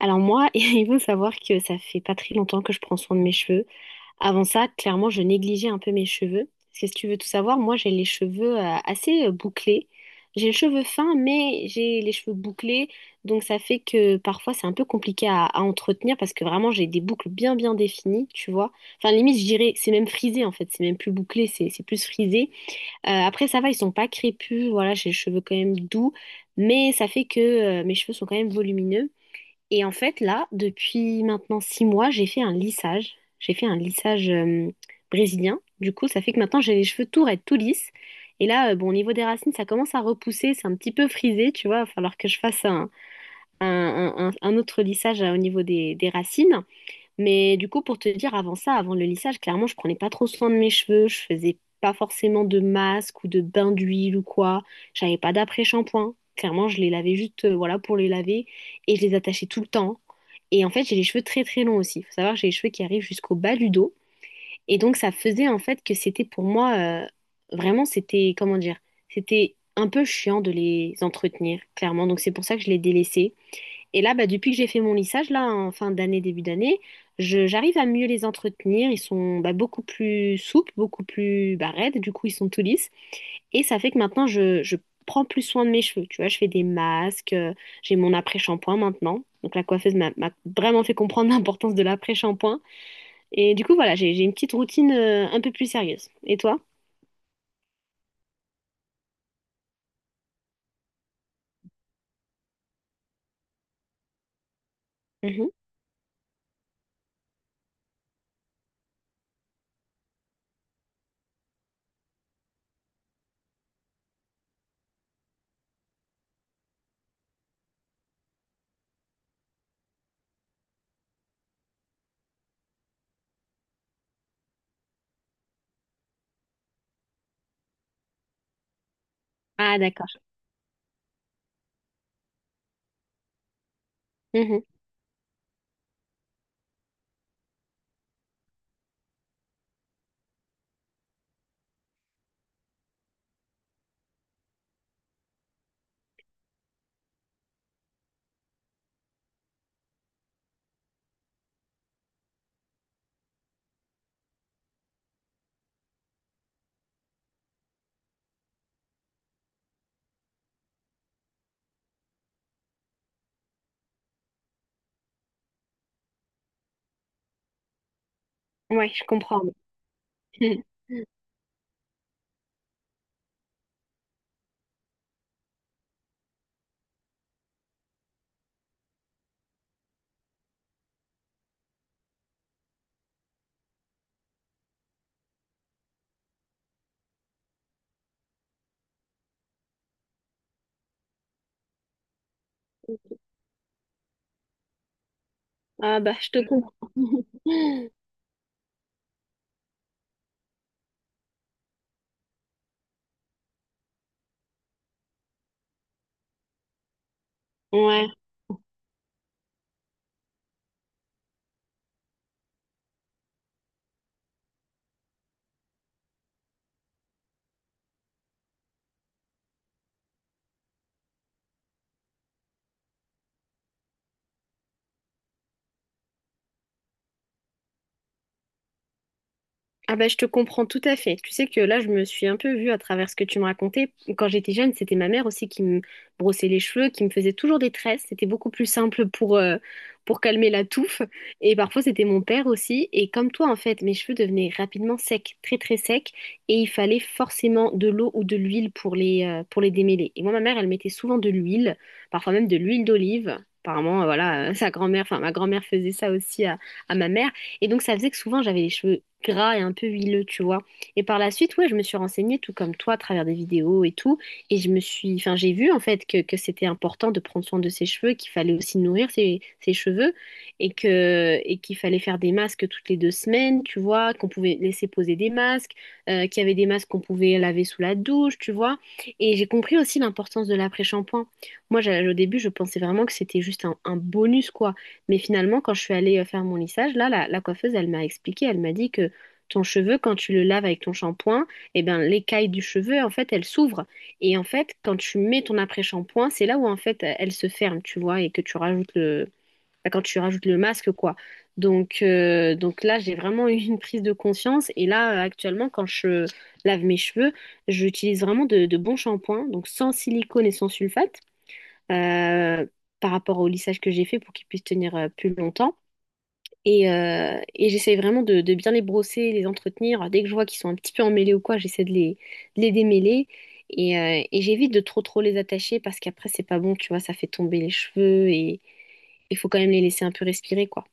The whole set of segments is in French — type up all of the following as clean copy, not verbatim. Alors moi, il faut savoir que ça fait pas très longtemps que je prends soin de mes cheveux. Avant ça, clairement, je négligeais un peu mes cheveux. Parce que si tu veux tout savoir, moi, j'ai les cheveux assez bouclés. J'ai les cheveux fins, mais j'ai les cheveux bouclés. Donc ça fait que parfois, c'est un peu compliqué à entretenir parce que vraiment, j'ai des boucles bien, bien définies, tu vois. Enfin, limite, je dirais, c'est même frisé, en fait. C'est même plus bouclé, c'est plus frisé. Après, ça va, ils sont pas crépus. Voilà, j'ai les cheveux quand même doux. Mais ça fait que mes cheveux sont quand même volumineux. Et en fait, là, depuis maintenant 6 mois, j'ai fait un lissage. J'ai fait un lissage brésilien. Du coup, ça fait que maintenant, j'ai les cheveux tout raides, tout lisses. Et là, bon, au niveau des racines, ça commence à repousser. C'est un petit peu frisé, tu vois. Il va falloir que je fasse un autre lissage au niveau des racines. Mais du coup, pour te dire, avant ça, avant le lissage, clairement, je prenais pas trop soin de mes cheveux. Je faisais pas forcément de masque ou de bain d'huile ou quoi. J'avais pas d'après-shampoing. Clairement, je les lavais juste, voilà, pour les laver. Et je les attachais tout le temps. Et en fait, j'ai les cheveux très très longs aussi. Il faut savoir que j'ai les cheveux qui arrivent jusqu'au bas du dos. Et donc, ça faisait en fait que c'était pour moi, euh, vraiment, c'était, comment dire, c'était un peu chiant de les entretenir, clairement. Donc, c'est pour ça que je les délaissais. Et là, bah, depuis que j'ai fait mon lissage, là, en fin d'année, début d'année, j'arrive à mieux les entretenir. Ils sont bah, beaucoup plus souples, beaucoup plus bah, raides. Du coup, ils sont tout lisses. Et ça fait que maintenant, je prends plus soin de mes cheveux. Tu vois, je fais des masques, j'ai mon après-shampoing maintenant. Donc la coiffeuse m'a vraiment fait comprendre l'importance de l'après-shampoing. Et du coup, voilà, j'ai une petite routine un peu plus sérieuse. Et toi? Mhm. Ah, d'accord. Mhm. Ouais, je comprends. Ouais. Ah bah je te comprends tout à fait. Tu sais que là, je me suis un peu vue à travers ce que tu me racontais. Quand j'étais jeune, c'était ma mère aussi qui me brossait les cheveux, qui me faisait toujours des tresses. C'était beaucoup plus simple pour calmer la touffe. Et parfois, c'était mon père aussi. Et comme toi, en fait, mes cheveux devenaient rapidement secs, très très secs. Et il fallait forcément de l'eau ou de l'huile pour les démêler. Et moi, ma mère, elle mettait souvent de l'huile, parfois même de l'huile d'olive. Apparemment, voilà, sa grand-mère, enfin ma grand-mère faisait ça aussi à ma mère. Et donc, ça faisait que souvent, j'avais les cheveux gras et un peu huileux, tu vois. Et par la suite, ouais, je me suis renseignée, tout comme toi, à travers des vidéos et tout. Et je me suis, enfin, j'ai vu, en fait, que c'était important de prendre soin de ses cheveux, qu'il fallait aussi nourrir ses cheveux et que, et qu'il fallait faire des masques toutes les 2 semaines, tu vois, qu'on pouvait laisser poser des masques, qu'il y avait des masques qu'on pouvait laver sous la douche, tu vois. Et j'ai compris aussi l'importance de l'après-shampoing. Moi, au début, je pensais vraiment que c'était juste un bonus, quoi. Mais finalement, quand je suis allée faire mon lissage, là, la coiffeuse, elle m'a expliqué, elle m'a dit que ton cheveu, quand tu le laves avec ton shampoing, eh ben, l'écaille du cheveu, en fait, elle s'ouvre. Et en fait, quand tu mets ton après-shampoing, c'est là où, en fait, elle se ferme, tu vois, et que tu rajoutes le bah, quand tu rajoutes le masque, quoi. Donc là, j'ai vraiment eu une prise de conscience. Et là, actuellement, quand je lave mes cheveux, j'utilise vraiment de bons shampoings, donc sans silicone et sans sulfate euh, par rapport au lissage que j'ai fait pour qu'ils puissent tenir plus longtemps. Et j'essaie vraiment de bien les brosser, les entretenir. Dès que je vois qu'ils sont un petit peu emmêlés ou quoi, j'essaie de les démêler. Et j'évite de trop trop les attacher parce qu'après, c'est pas bon, tu vois, ça fait tomber les cheveux et il faut quand même les laisser un peu respirer, quoi.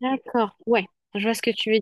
D'accord, ouais, je vois ce que tu veux.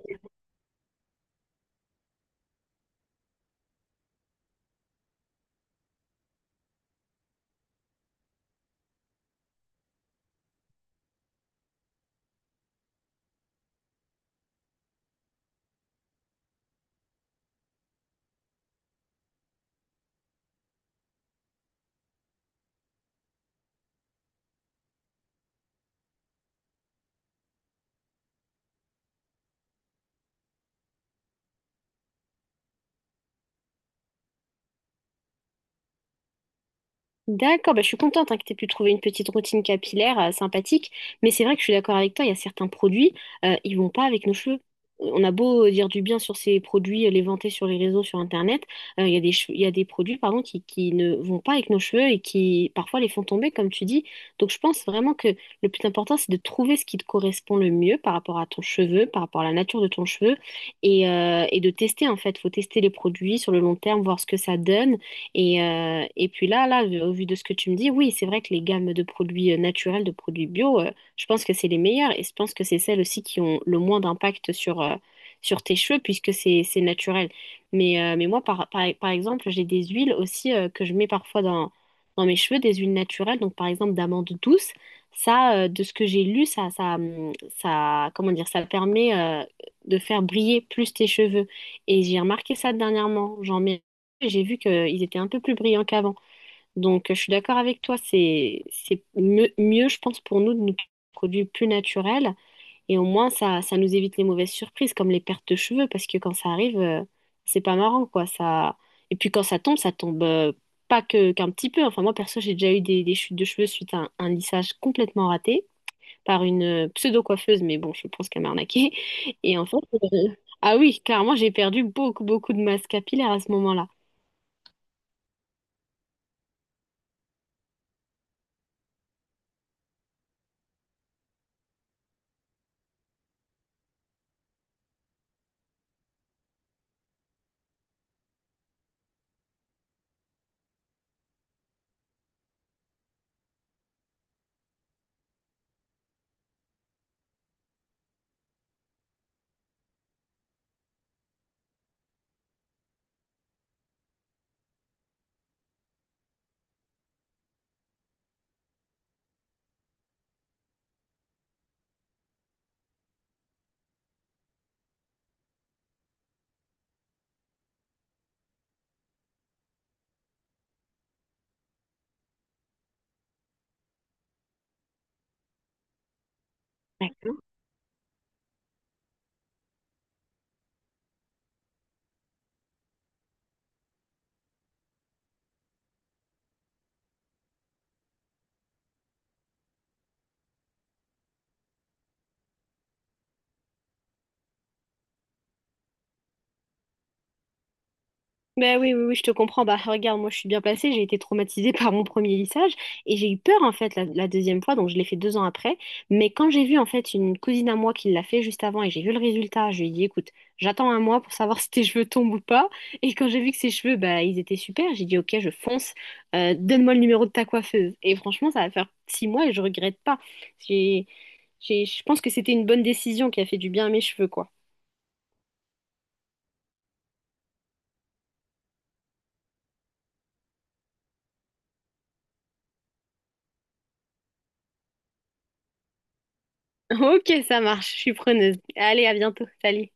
D'accord, bah, je suis contente hein, que tu aies pu trouver une petite routine capillaire sympathique, mais c'est vrai que je suis d'accord avec toi, il y a certains produits, ils vont pas avec nos cheveux. On a beau dire du bien sur ces produits, les vanter sur les réseaux, sur Internet, il y a des produits pardon, qui ne vont pas avec nos cheveux et qui parfois les font tomber, comme tu dis. Donc je pense vraiment que le plus important, c'est de trouver ce qui te correspond le mieux par rapport à ton cheveu, par rapport à la nature de ton cheveu, et de tester en fait. Il faut tester les produits sur le long terme, voir ce que ça donne. Et puis là, là, au vu de ce que tu me dis, oui, c'est vrai que les gammes de produits naturels, de produits bio, je pense que c'est les meilleurs et je pense que c'est celles aussi qui ont le moins d'impact sur, sur tes cheveux puisque c'est naturel. Mais moi, par exemple, j'ai des huiles aussi que je mets parfois dans mes cheveux, des huiles naturelles, donc par exemple d'amande douce. Ça, de ce que j'ai lu, ça, comment dire, ça permet de faire briller plus tes cheveux. Et j'ai remarqué ça dernièrement. J'en mets. J'ai vu qu'ils étaient un peu plus brillants qu'avant. Donc, je suis d'accord avec toi, c'est mieux, mieux, je pense, pour nous de nous produire plus naturels. Et au moins, ça nous évite les mauvaises surprises, comme les pertes de cheveux, parce que quand ça arrive, c'est pas marrant, quoi. Ça Et puis, quand ça tombe pas que qu'un petit peu. Enfin, moi, perso, j'ai déjà eu des chutes de cheveux suite à un lissage complètement raté par une pseudo-coiffeuse, mais bon, je pense qu'elle m'a arnaqué. Et en fait, euh, ah oui, clairement, j'ai perdu beaucoup, beaucoup de masse capillaire à ce moment-là. Ben oui, oui, oui, je te comprends. Bah regarde, moi je suis bien placée, j'ai été traumatisée par mon premier lissage et j'ai eu peur en fait la deuxième fois, donc je l'ai fait 2 ans après. Mais quand j'ai vu en fait une cousine à moi qui l'a fait juste avant et j'ai vu le résultat, je lui ai dit écoute, j'attends un mois pour savoir si tes cheveux tombent ou pas. Et quand j'ai vu que ses cheveux, bah ils étaient super, j'ai dit ok, je fonce. Donne-moi le numéro de ta coiffeuse. Et franchement, ça va faire 6 mois et je regrette pas. J'ai, je pense que c'était une bonne décision qui a fait du bien à mes cheveux, quoi. Ok, ça marche, je suis preneuse. Allez, à bientôt, salut.